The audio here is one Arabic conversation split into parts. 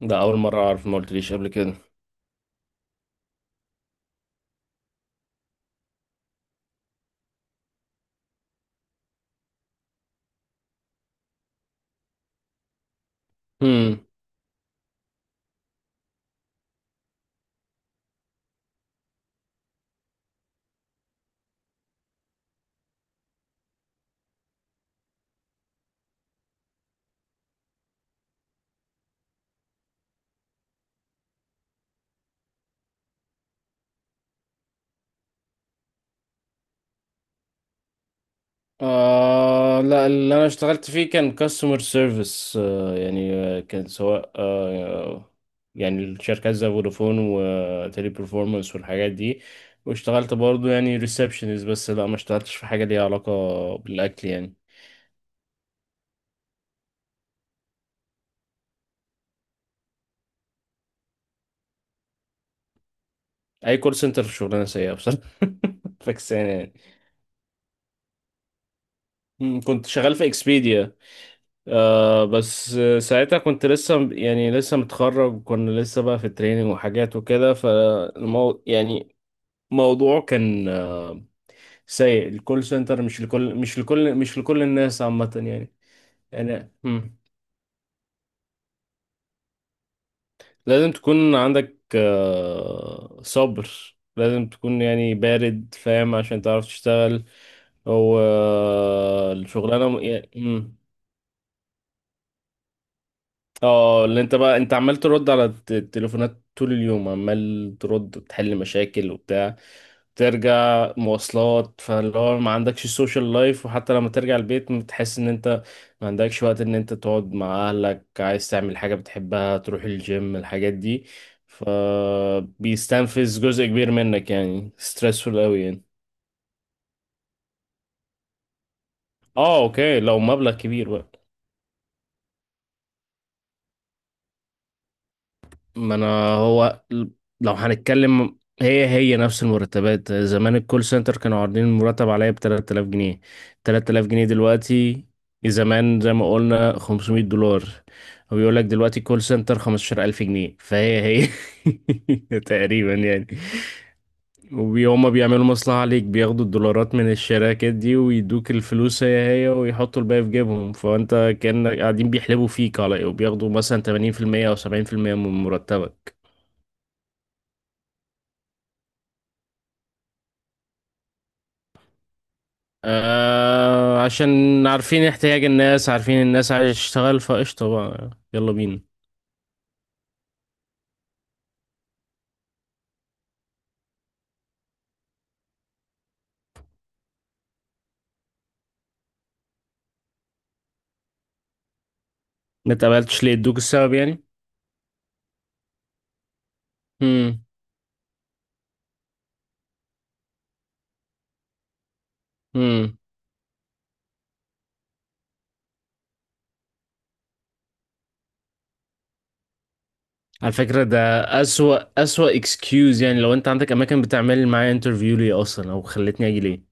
ده أول مرة أعرف ما قلتليش قبل كده. هم. آه لا، اللي أنا اشتغلت فيه كان كاستمر سيرفيس، كان سواء يعني الشركات زي فودافون وتيلي برفورمانس والحاجات دي. واشتغلت برضو يعني ريسبشنز، بس لا ما اشتغلتش في حاجة ليها علاقة بالأكل يعني. أي كول سنتر شغلانة سيئة بصراحة. فكسانة يعني. هم، كنت شغال في اكسبيديا. آه بس ساعتها كنت لسه متخرج، وكنا لسه بقى في التريننج وحاجات وكده، فالمو يعني موضوع كان سيء. الكول سنتر مش لكل الناس عامة يعني. يعني مم. لازم تكون عندك صبر، لازم تكون يعني بارد، فاهم، عشان تعرف تشتغل. هو الشغلانة اه، اللي انت عمال ترد على التليفونات طول اليوم، عمال ترد بتحل مشاكل وبتاع، ترجع مواصلات، فاللي هو ما عندكش سوشيال لايف، وحتى لما ترجع البيت بتحس ان انت ما عندكش وقت ان انت تقعد مع اهلك، عايز تعمل حاجة بتحبها، تروح الجيم، الحاجات دي. فبيستنفذ جزء كبير منك، يعني ستريسفول قوي يعني. اه اوكي، لو مبلغ كبير بقى. ما انا هو لو هنتكلم، هي نفس المرتبات زمان، الكول سنتر كانوا عارضين المرتب عليا ب 3000 جنيه. 3000 جنيه دلوقتي زمان زي ما قلنا 500 دولار. هو بيقول لك دلوقتي كول سنتر 15000 جنيه، فهي. تقريبا يعني. وهما بيعملوا مصلحة عليك، بياخدوا الدولارات من الشراكات دي ويدوك الفلوس هي ويحطوا الباقي في جيبهم، فانت كأنك قاعدين بيحلبوا فيك على إيه؟ وبياخدوا مثلا 80% او 70% من مرتبك. آه عشان عارفين احتياج الناس، عارفين الناس عايزة تشتغل، فقشطة بقى يلا بينا. ما اتقبلتش ليه؟ ادوك السبب يعني؟ هم هم. على فكرة ده أسوأ اكسكيوز يعني. لو انت عندك اماكن، بتعمل معايا انترفيو ليه اصلا، او خلتني اجي ليه؟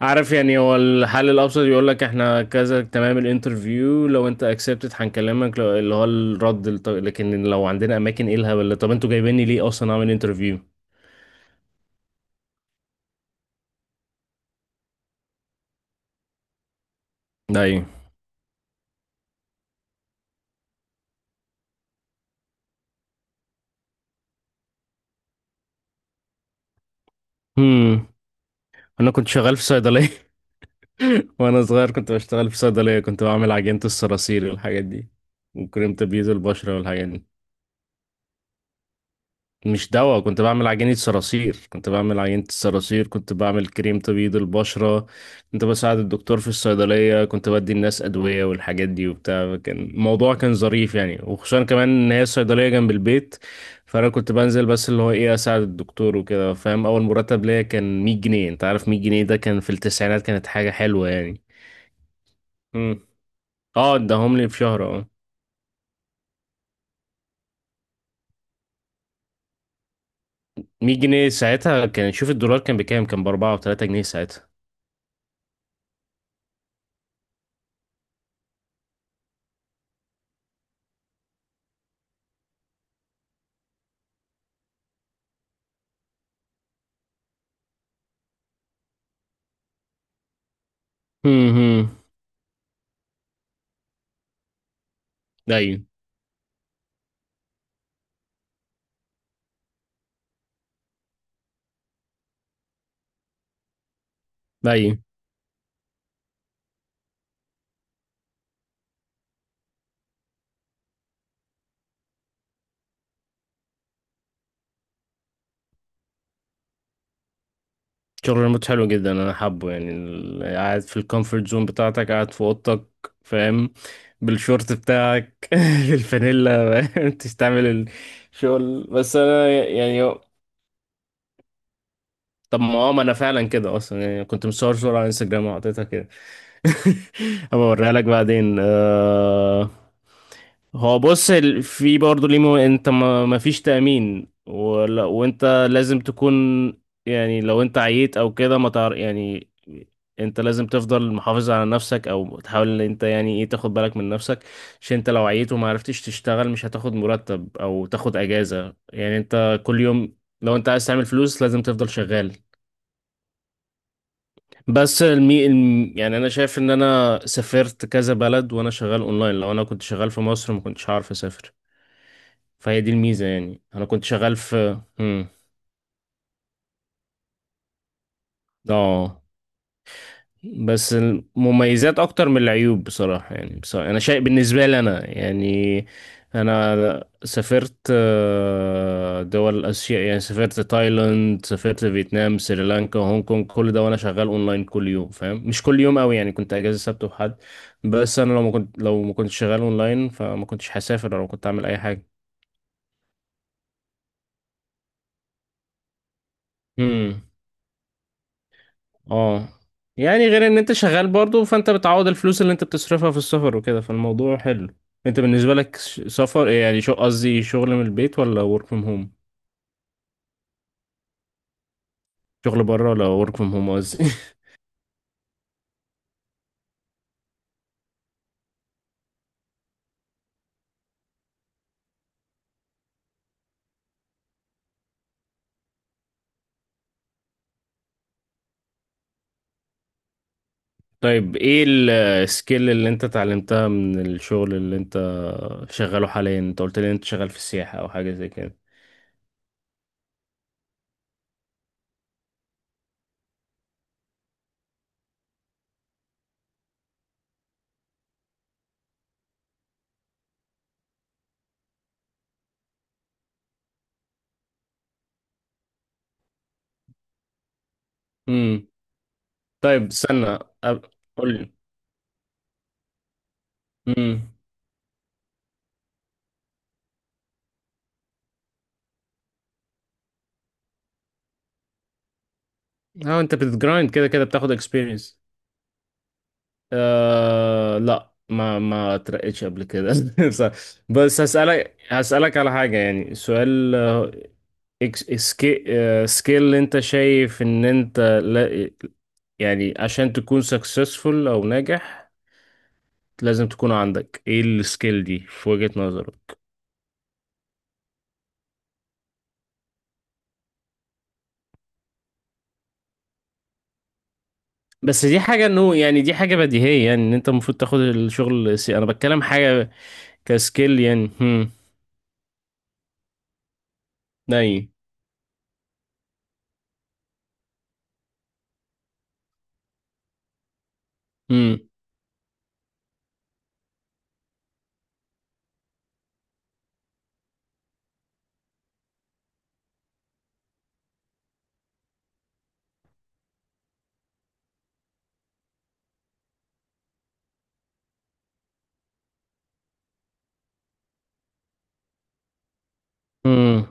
عارف يعني، هو الحل الابسط يقول لك احنا كذا، تمام الانترفيو، لو انت اكسبتد هنكلمك، لو- اللي هو الرد الط- لكن لو عندنا اماكن، ايه الهبل ده؟ طب انتوا جايبيني ليه اصلا اعمل انترفيو؟ ايوه. هم. انا كنت شغال في صيدلية، وانا صغير كنت بشتغل في صيدلية، كنت بعمل عجينة الصراصير والحاجات دي، وكريم تبييض البشرة والحاجات دي. مش دواء، كنت بعمل عجينة الصراصير، كنت بعمل كريم تبييض البشرة، كنت بساعد الدكتور في الصيدلية، كنت بدي الناس أدوية والحاجات دي وبتاع. كان الموضوع كان ظريف يعني، وخصوصا كمان إن هي الصيدلية جنب البيت، فأنا كنت بنزل بس اللي هو إيه أساعد الدكتور وكده، فاهم؟ أول مرتب ليا كان 100 جنيه. أنت عارف 100 جنيه ده كان في التسعينات، كانت حاجة حلوة يعني. اه اداهم لي في شهر، اه. 100 جنيه ساعتها كان، شوف الدولار كان بكام، كان ب 4 و3 جنيه ساعتها. امم. ايوه ايوه. شغل ريموت حلو جدا، انا حابه يعني قاعد في الكومفورت زون بتاعتك، قاعد في اوضتك، فاهم، بالشورت بتاعك. بالفانيلا، فاهم؟ تستعمل الشغل، بس انا يعني طب ما اه ما انا فعلا كده اصلا يعني. كنت مصور صورة على انستجرام وحطيتها كده. هبقى اوريها لك بعدين آه... هو بص ال- في برضه ليه مو- انت ما فيش تأمين ولا، وانت لازم تكون يعني لو انت عييت او كده ما تعرف يعني. انت لازم تفضل محافظ على نفسك، او تحاول ان انت يعني ايه تاخد بالك من نفسك، عشان انت لو عييت وما عرفتش تشتغل مش هتاخد مرتب او تاخد اجازة يعني. انت كل يوم لو انت عايز تعمل فلوس لازم تفضل شغال. يعني انا شايف ان انا سافرت كذا بلد وانا شغال اونلاين، لو انا كنت شغال في مصر ما كنتش هعرف اسافر. فهي دي الميزة يعني. انا كنت شغال في مم. اه. بس المميزات اكتر من العيوب بصراحة، يعني بصراحة انا شايف بالنسبة لي انا يعني انا سافرت دول اسيا يعني، سافرت تايلاند، سافرت فيتنام، سريلانكا، هونج كونج، كل ده وانا شغال اونلاين كل يوم، فاهم؟ مش كل يوم قوي يعني، كنت اجازة سبت وحد. بس انا لو ما كنتش شغال اونلاين فما كنتش هسافر ولا كنت اعمل اي حاجة. اه يعني غير ان انت شغال برضو، فانت بتعوض الفلوس اللي انت بتصرفها في السفر وكده، فالموضوع حلو. انت بالنسبة لك ش- سفر إيه يعني شو قصدي شغل من البيت ولا work from home؟ شغل بره ولا work from home قصدي طيب ايه السكيل اللي انت اتعلمتها من الشغل اللي انت شغاله حاليا؟ انت قلت لي انت شغال في السياحة او حاجة زي كده. امم. طيب استنى أب- قول لي. امم. اه انت بتجرايند كده كده، بتاخد experience. آه لا، ما اترقيتش قبل كده بصراحة. بس هسألك على حاجة، يعني سؤال، إكس- سكي سكيل اللي انت شايف ان انت لا يعني، عشان تكون سكسسفul او ناجح، لازم تكون عندك ايه السكيل دي في وجهة نظرك؟ بس دي حاجة انه يعني، دي حاجة بديهية يعني ان انت المفروض تاخد الشغل سي، انا بتكلم حاجة كسكيل يعني. هم. داي. هم هم.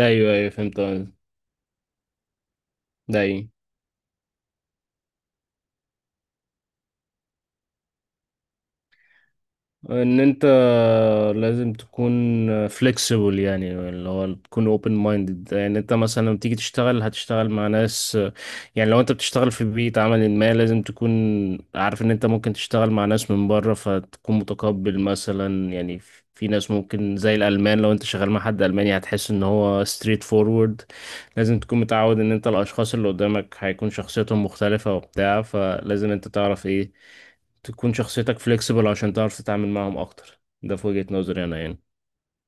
ايوه ايوه، فهمت قصدك. داي. ان انت لازم تكون flexible يعني اللي هو تكون open minded. يعني انت مثلا لما تيجي تشتغل، هتشتغل مع ناس، يعني لو انت بتشتغل في بيئة عمل ما، لازم تكون عارف ان انت ممكن تشتغل مع ناس من بره، فتكون متقبل مثلا يعني. في ناس ممكن زي الألمان، لو انت شغال مع حد ألماني هتحس ان هو straight forward. لازم تكون متعود ان انت الأشخاص اللي قدامك هيكون شخصيتهم مختلفة وبتاع، فلازم انت تعرف ايه تكون شخصيتك فليكسبل عشان تعرف تتعامل معهم اكتر. ده في وجهة نظري انا يعني.